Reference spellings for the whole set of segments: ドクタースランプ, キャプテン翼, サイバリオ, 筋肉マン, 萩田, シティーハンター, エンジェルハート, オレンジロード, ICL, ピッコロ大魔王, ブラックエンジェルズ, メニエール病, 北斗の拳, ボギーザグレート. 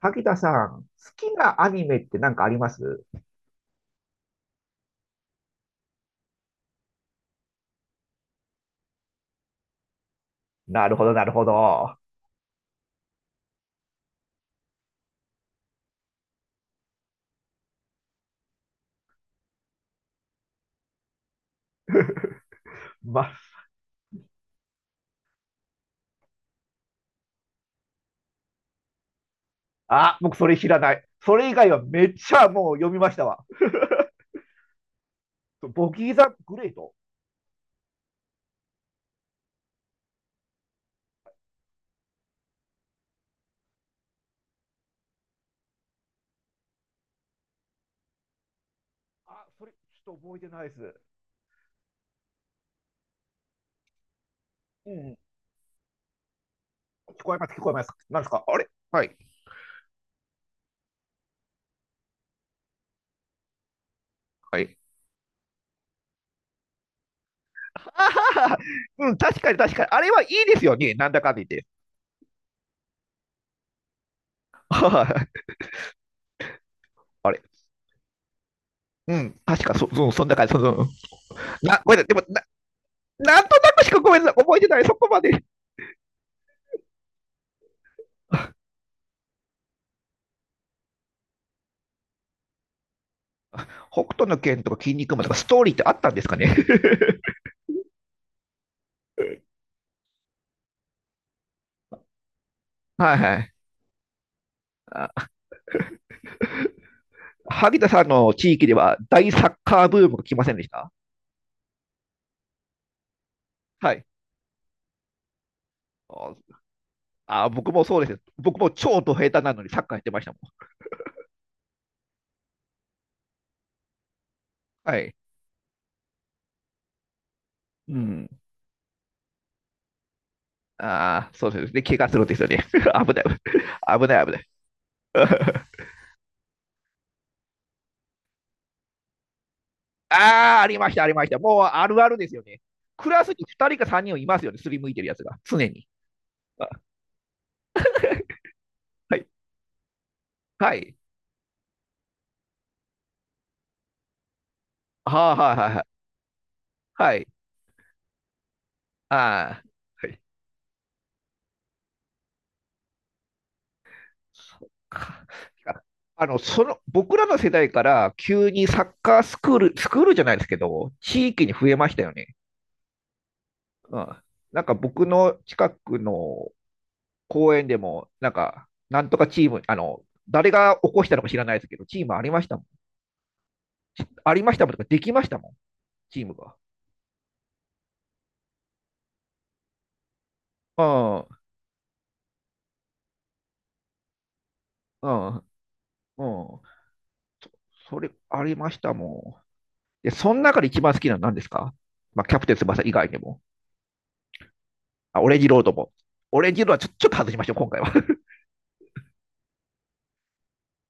萩田さん、好きなアニメって何かあります？なるほど、なるほど。ま、あ、僕それ知らない。それ以外はめっちゃもう読みましたわ。ボギーザグレート。あ、それちょっと覚えてないです。うん。聞こえます、聞こえます。なんですかあれ？はい。はい。ああ、うん、確かに確かに。あれはいいですよね。なんだかんだ言って。はい。あれ。うん、確かそんな感じ。そ、そ、な、ごめんなさい。でも、なんとなくしかごめんなさい。覚えてない。そこまで。北斗の拳とか筋肉マンとかストーリーってあったんですかね？ はいはい。萩田さんの地域では大サッカーブームが来ませんでした？はい。あ、僕もそうです。僕も超ド下手なのにサッカーやってましたもん。はい。うん。ああ、そうですね。怪我するんですよね。危ない。危ない、危ない。ああ、ありました、ありました。もうあるあるですよね。クラスに2人か3人いますよね。すりむいてるやつが。常に。あ、はい。はい。はあ、はい、はいはい。はい。ああ。はい。そっか。僕らの世代から急にサッカースクール、スクールじゃないですけど、地域に増えましたよね。うん。なんか僕の近くの公園でも、なんか、なんとかチーム、誰が起こしたのか知らないですけど、チームありましたもん。ありましたもんとか、できましたもん、チームが。うん、うん、うん。それ、ありましたもん。で、その中で一番好きなのは何ですか？まあ、キャプテン翼以外でも。あ、オレンジロードも。オレンジロードはちょっと外しましょう、今回は。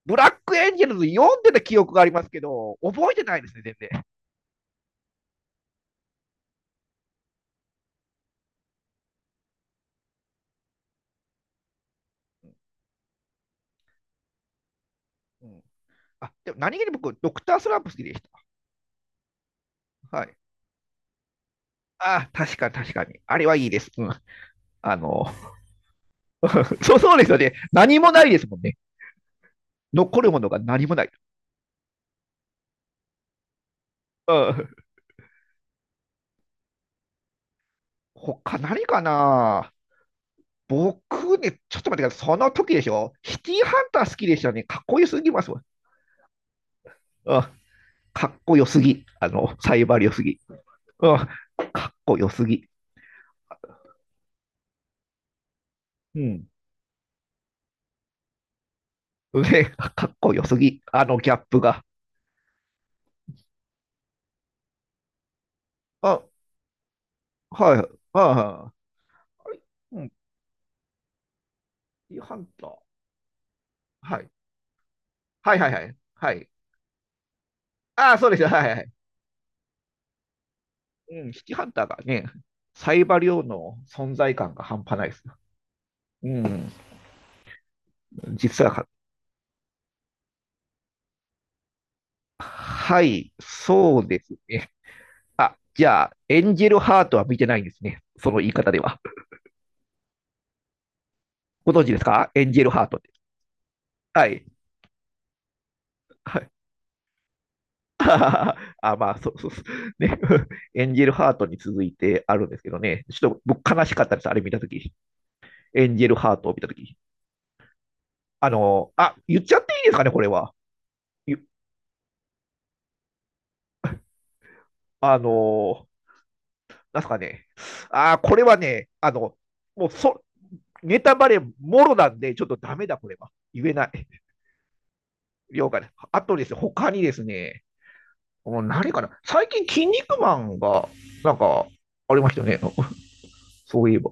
ブラックエンジェルズ読んでた記憶がありますけど、覚えてないですね、全然。うん、あでも何気に僕、ドクタースランプ好きでした。はい。ああ、確かに確かに。あれはいいです。うん。あの、そうそうですよね。何もないですもんね。残るものが何もない。うん。他何かな？僕ね、ちょっと待ってください。その時でしょ？シティーハンター好きでしたね。かっこよすぎますわ。うん。かっこよすぎ。サイバー良すぎ。うん。かっこよすぎ。うん。上、かっこよすぎ、あのギャップが。あ、はい、はい、はい。うん、シティハンター。はい。はいはいはい。はい。ああ、そうですよ。はいはいはい。うん、シティハンターがね、サイバリオの存在感が半端ないです。うん、実は、はい、そうですね。あ、じゃあ、エンジェルハートは見てないんですね。その言い方では。ご存知ですか？エンジェルハートって。はい。はい。ああ、まあ、そうそうそう。ね。エンジェルハートに続いてあるんですけどね。ちょっと僕悲しかったです。あれ見たとき。エンジェルハートを見たとき。あ、言っちゃっていいですかね、これは。ゆあのーなんすかね。ああ、これはね、もうネタバレもろなんで、ちょっとダメだ、これは。言えない。了解です。あとですね、他にですね、もう何かな。最近、筋肉マンが、なんか、ありましたよね。そういえば。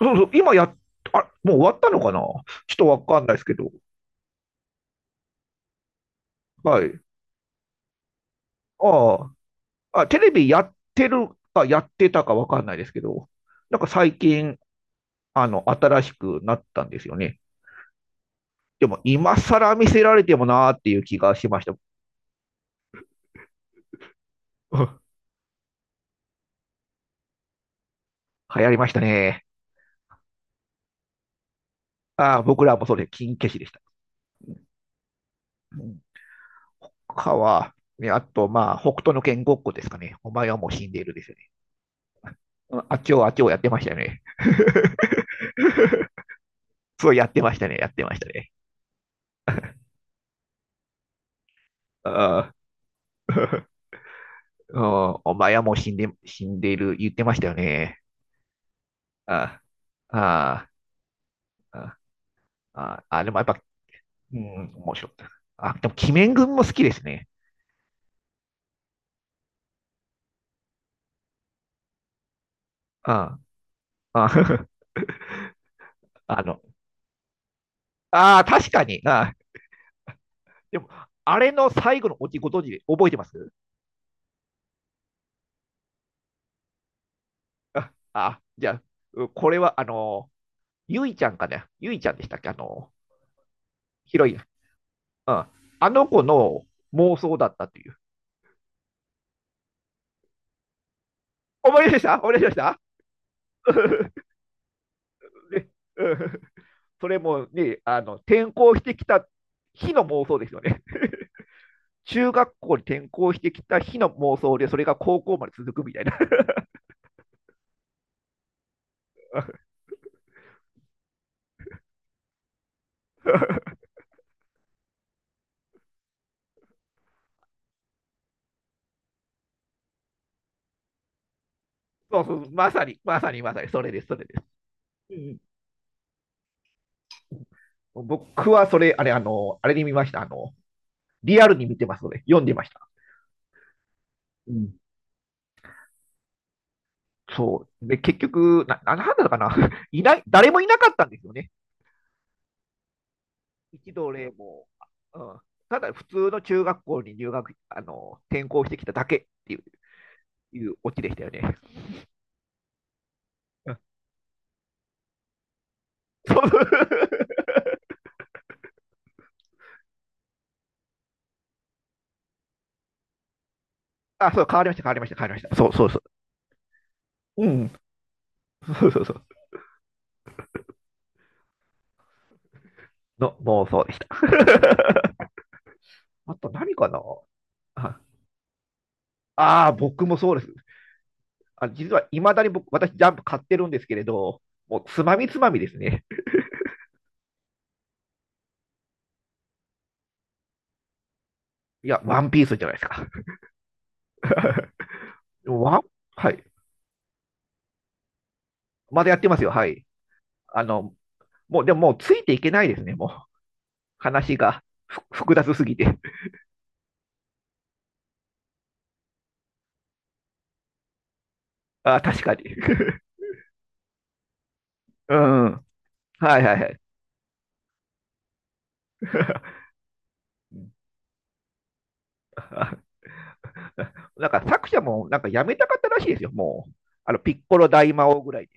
そうそう、今やっ、あ、もう終わったのかな、ちょっとわかんないですけど。はい。ああ、あ、テレビやってるかやってたかわかんないですけど、なんか最近、新しくなったんですよね。でも、今更見せられてもなーっていう気がしました。うん、流行りましたね。ああ、僕らもそれ、金消しでした。うん。他は、ね、あと、まあ、北斗の拳ごっこですかね。お前はもう死んでいるですよね。うん。あっちをやってましたよね。そうやってましたね、やってましたね。ああ、うん、お前はもう死んでいる、言ってましたよね。ああ、ああ、ああ、ああ、でもやっぱ、うん、面白かった。あ、でも、鬼面君も好きですね。ああ、ああ あの、ああ、確かに。ああ、でも、あれの最後のおじご存知で覚えてます？ああ、じゃあ、これは、ゆいちゃんかね。ゆいちゃんでしたっけ？あの、ヒロイン。うん。あの子の妄想だったという。思い出した。思い出しました。 ね。うん。 それもね、あの転校してきた日の妄想ですよね。中学校に転校してきた日の妄想で、それが高校まで続くみたいな。そうそう、まさに、まさに、まさに、それです、それです。うん。僕はそれ、あれ、あれに見ました。リアルに見てますので、読んでました。うん。そう。で、結局、なんだったかな。いない、誰もいなかったんですよね。一度例も。うん。ただ、普通の中学校に入学、転校してきただけっていうオチでしたよね。あ、そう、変わりました、変わりました、変わりました。そうそうそう。うん、そうそうそう。の妄想でした。あと何かな？ああー、僕もそうです。あ、実はいまだに僕、私、ジャンプ買ってるんですけれど、もうつまみつまみですね。いや、ワンピースじゃないですか。ワンはい。まだやってますよ、はい。あの、もう、でも、もうついていけないですね、もう。話が複雑すぎて。あ、確かに。うん。はいはいはい。なんか作者もなんかやめたかったらしいですよ、もう。あの、ピッコロ大魔王ぐらいで。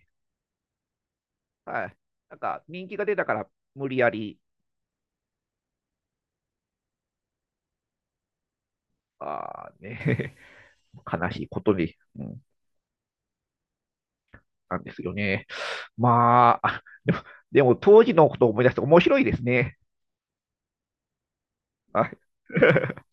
はい。なんか人気が出たから無理やり、あーね、悲しいことに、うん、なんですよね。まあ、でも、当時のことを思い出して面白いですね。はい。